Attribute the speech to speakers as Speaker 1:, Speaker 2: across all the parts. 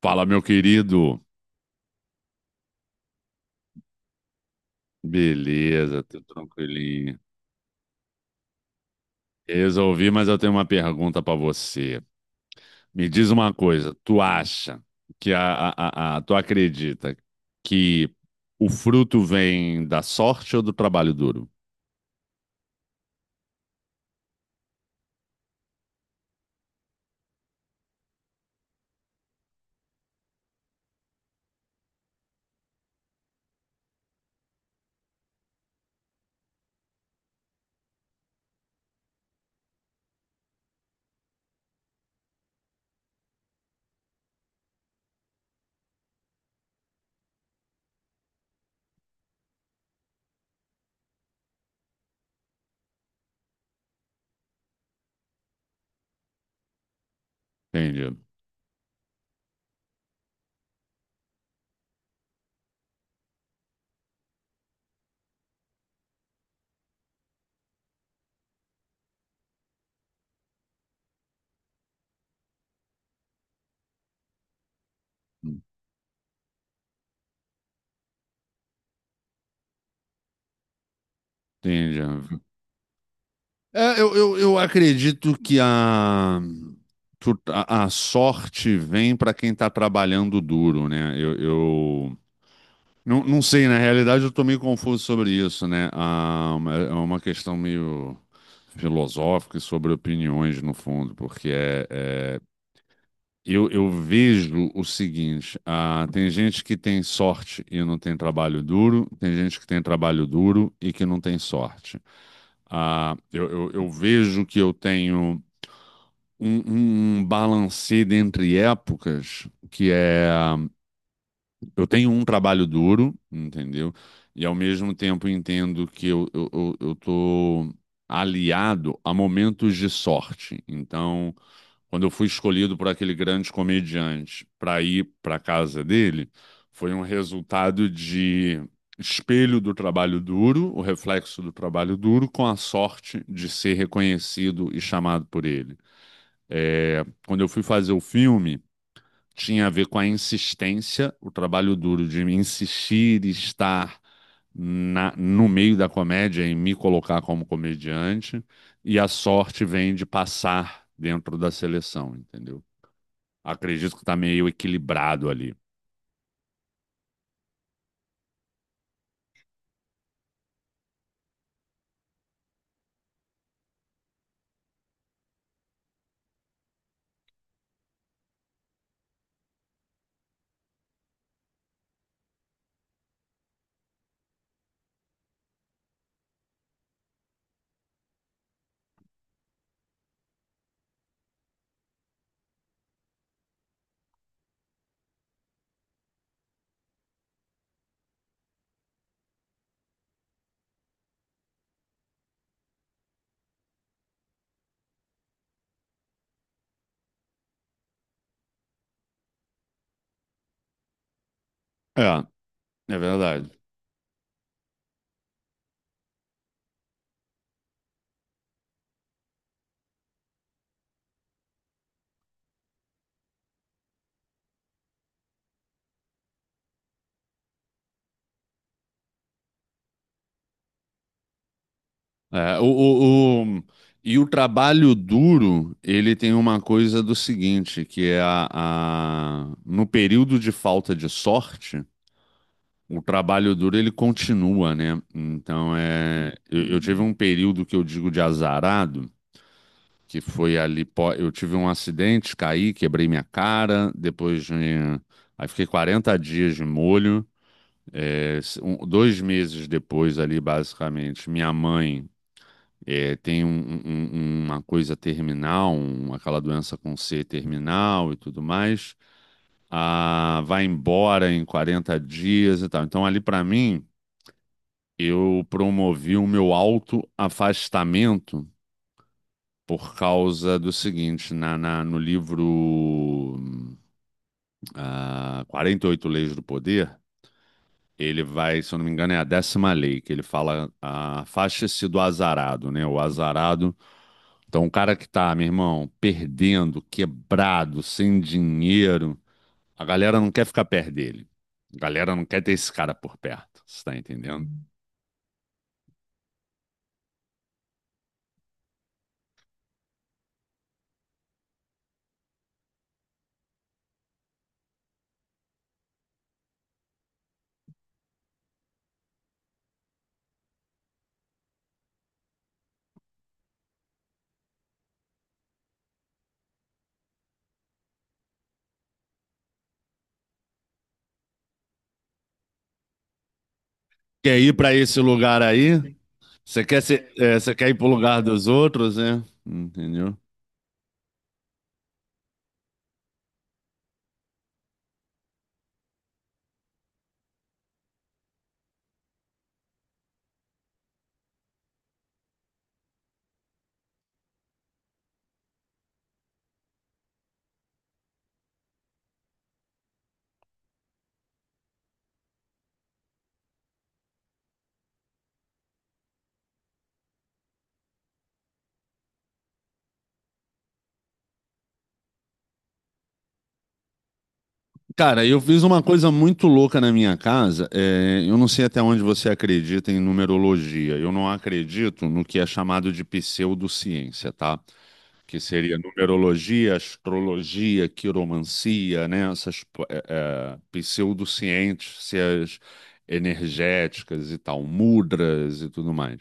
Speaker 1: Fala, meu querido. Beleza, tudo tranquilinho. Resolvi, mas eu tenho uma pergunta pra você. Me diz uma coisa, tu acha que tu acredita que o fruto vem da sorte ou do trabalho duro? Entendi. Entendi. É, eu acredito que a sorte vem para quem está trabalhando duro, né? Não, não sei, na realidade eu estou meio confuso sobre isso, né? Ah, é uma questão meio filosófica e sobre opiniões, no fundo, porque eu vejo o seguinte: ah, tem gente que tem sorte e não tem trabalho duro, tem gente que tem trabalho duro e que não tem sorte. Ah, eu vejo que eu tenho um balancê entre épocas que é. Eu tenho um trabalho duro, entendeu? E ao mesmo tempo entendo que eu tô aliado a momentos de sorte. Então, quando eu fui escolhido por aquele grande comediante para ir para casa dele, foi um resultado de espelho do trabalho duro, o reflexo do trabalho duro, com a sorte de ser reconhecido e chamado por ele. É, quando eu fui fazer o filme tinha a ver com a insistência, o trabalho duro de insistir e estar no meio da comédia, em me colocar como comediante, e a sorte vem de passar dentro da seleção, entendeu? Acredito que tá meio equilibrado ali. É, é verdade. É, e o trabalho duro, ele tem uma coisa do seguinte, que é no período de falta de sorte, o trabalho duro ele continua, né? Então é, eu tive um período que eu digo de azarado, que foi ali, eu tive um acidente, caí, quebrei minha cara, aí fiquei 40 dias de molho, 2 meses depois ali, basicamente, minha mãe tem uma coisa terminal, aquela doença com C terminal e tudo mais, ah, vai embora em 40 dias e tal. Então ali para mim eu promovi o meu autoafastamento por causa do seguinte, no livro ah, 48 Leis do Poder, ele vai, se eu não me engano, é a décima lei, que ele fala, ah, afaste-se do azarado, né? O azarado, então o cara que tá, meu irmão, perdendo, quebrado, sem dinheiro, a galera não quer ficar perto dele. A galera não quer ter esse cara por perto, você tá entendendo? Quer ir pra esse lugar aí? Você quer ser, é, você quer ir pro lugar dos outros, né? Entendeu? Cara, eu fiz uma coisa muito louca na minha casa. É, eu não sei até onde você acredita em numerologia. Eu não acredito no que é chamado de pseudociência, tá? Que seria numerologia, astrologia, quiromancia, né? Essas é, pseudociências energéticas e tal, mudras e tudo mais.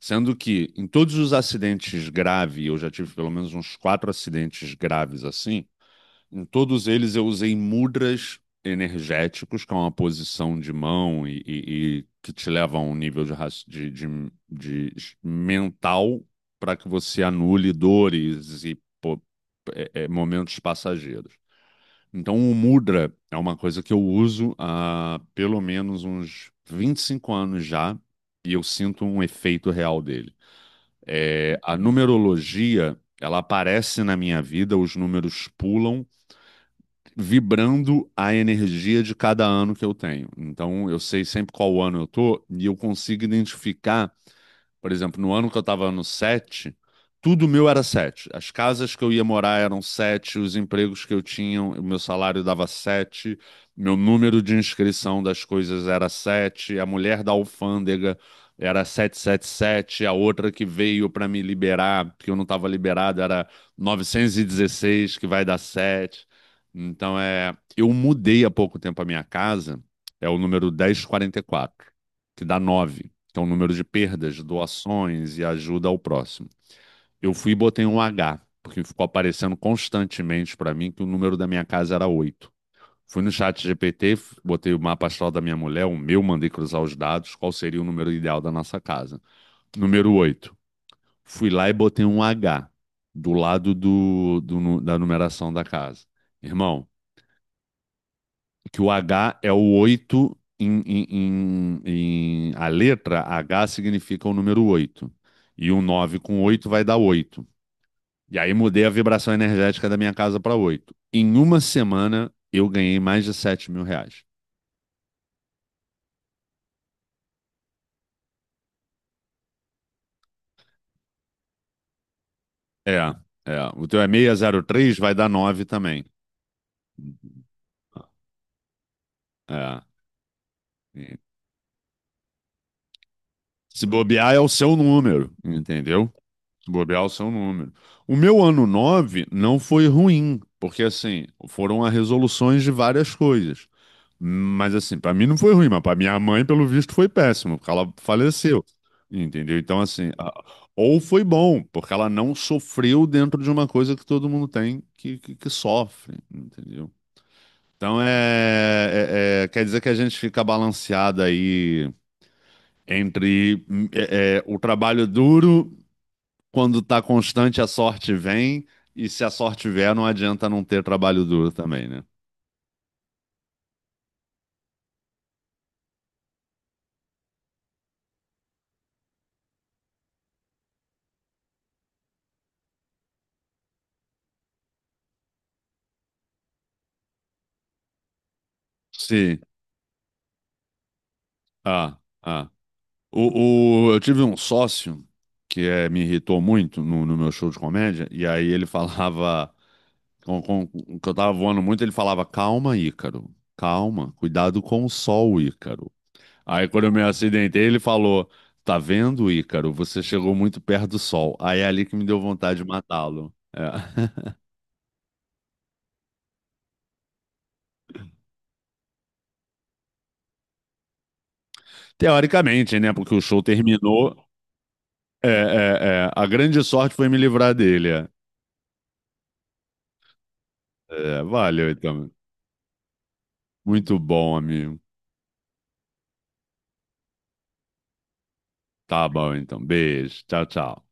Speaker 1: Sendo que em todos os acidentes graves, eu já tive pelo menos uns quatro acidentes graves assim, em todos eles eu usei mudras energéticos, que é uma posição de mão e que te leva a um nível de, mental para que você anule dores e pô, momentos passageiros. Então, o mudra é uma coisa que eu uso há pelo menos uns 25 anos já, e eu sinto um efeito real dele. É, a numerologia, ela aparece na minha vida, os números pulam, vibrando a energia de cada ano que eu tenho. Então, eu sei sempre qual ano eu tô e eu consigo identificar, por exemplo, no ano que eu estava no 7, tudo meu era 7. As casas que eu ia morar eram 7, os empregos que eu tinha, o meu salário dava 7, meu número de inscrição das coisas era 7, a mulher da alfândega era 777, a outra que veio para me liberar, porque eu não estava liberado, era 916 que vai dar 7. Então é, eu mudei há pouco tempo a minha casa, é o número 1044 que dá nove, que é o número de perdas, doações e ajuda ao próximo. Eu fui e botei um H, porque ficou aparecendo constantemente para mim que o número da minha casa era 8. Fui no chat GPT, botei o mapa astral da minha mulher, o meu, mandei cruzar os dados, qual seria o número ideal da nossa casa. Número 8. Fui lá e botei um H do lado do, do da numeração da casa. Irmão, que o H é o 8 a letra H significa o número oito. E o 9 com 8 vai dar oito. E aí mudei a vibração energética da minha casa para oito. Em uma semana eu ganhei mais de R$ 7.000. É, é. O teu é 603, vai dar 9 também. É. E se bobear é o seu número, entendeu? Se bobear é o seu número. O meu ano 9 não foi ruim, porque assim, foram as resoluções de várias coisas. Mas assim, pra mim não foi ruim, mas pra minha mãe, pelo visto, foi péssimo, porque ela faleceu. Entendeu? Então, assim, ou foi bom, porque ela não sofreu dentro de uma coisa que todo mundo tem que, que sofre, entendeu? Então, é quer dizer que a gente fica balanceado aí entre o trabalho duro, quando tá constante, a sorte vem, e se a sorte vier, não adianta não ter trabalho duro também, né? Sim. Ah, ah. Eu tive um sócio que me irritou muito no meu show de comédia, e aí ele falava, que eu tava voando muito, ele falava, calma, Ícaro, calma, cuidado com o sol, Ícaro. Aí quando eu me acidentei, ele falou, tá vendo, Ícaro, você chegou muito perto do sol. Aí é ali que me deu vontade de matá-lo. É. Teoricamente, né, porque o show terminou, é, a grande sorte foi me livrar dele. É, é, valeu, então. Muito bom, amigo. Tá bom, então. Beijo. Tchau, tchau.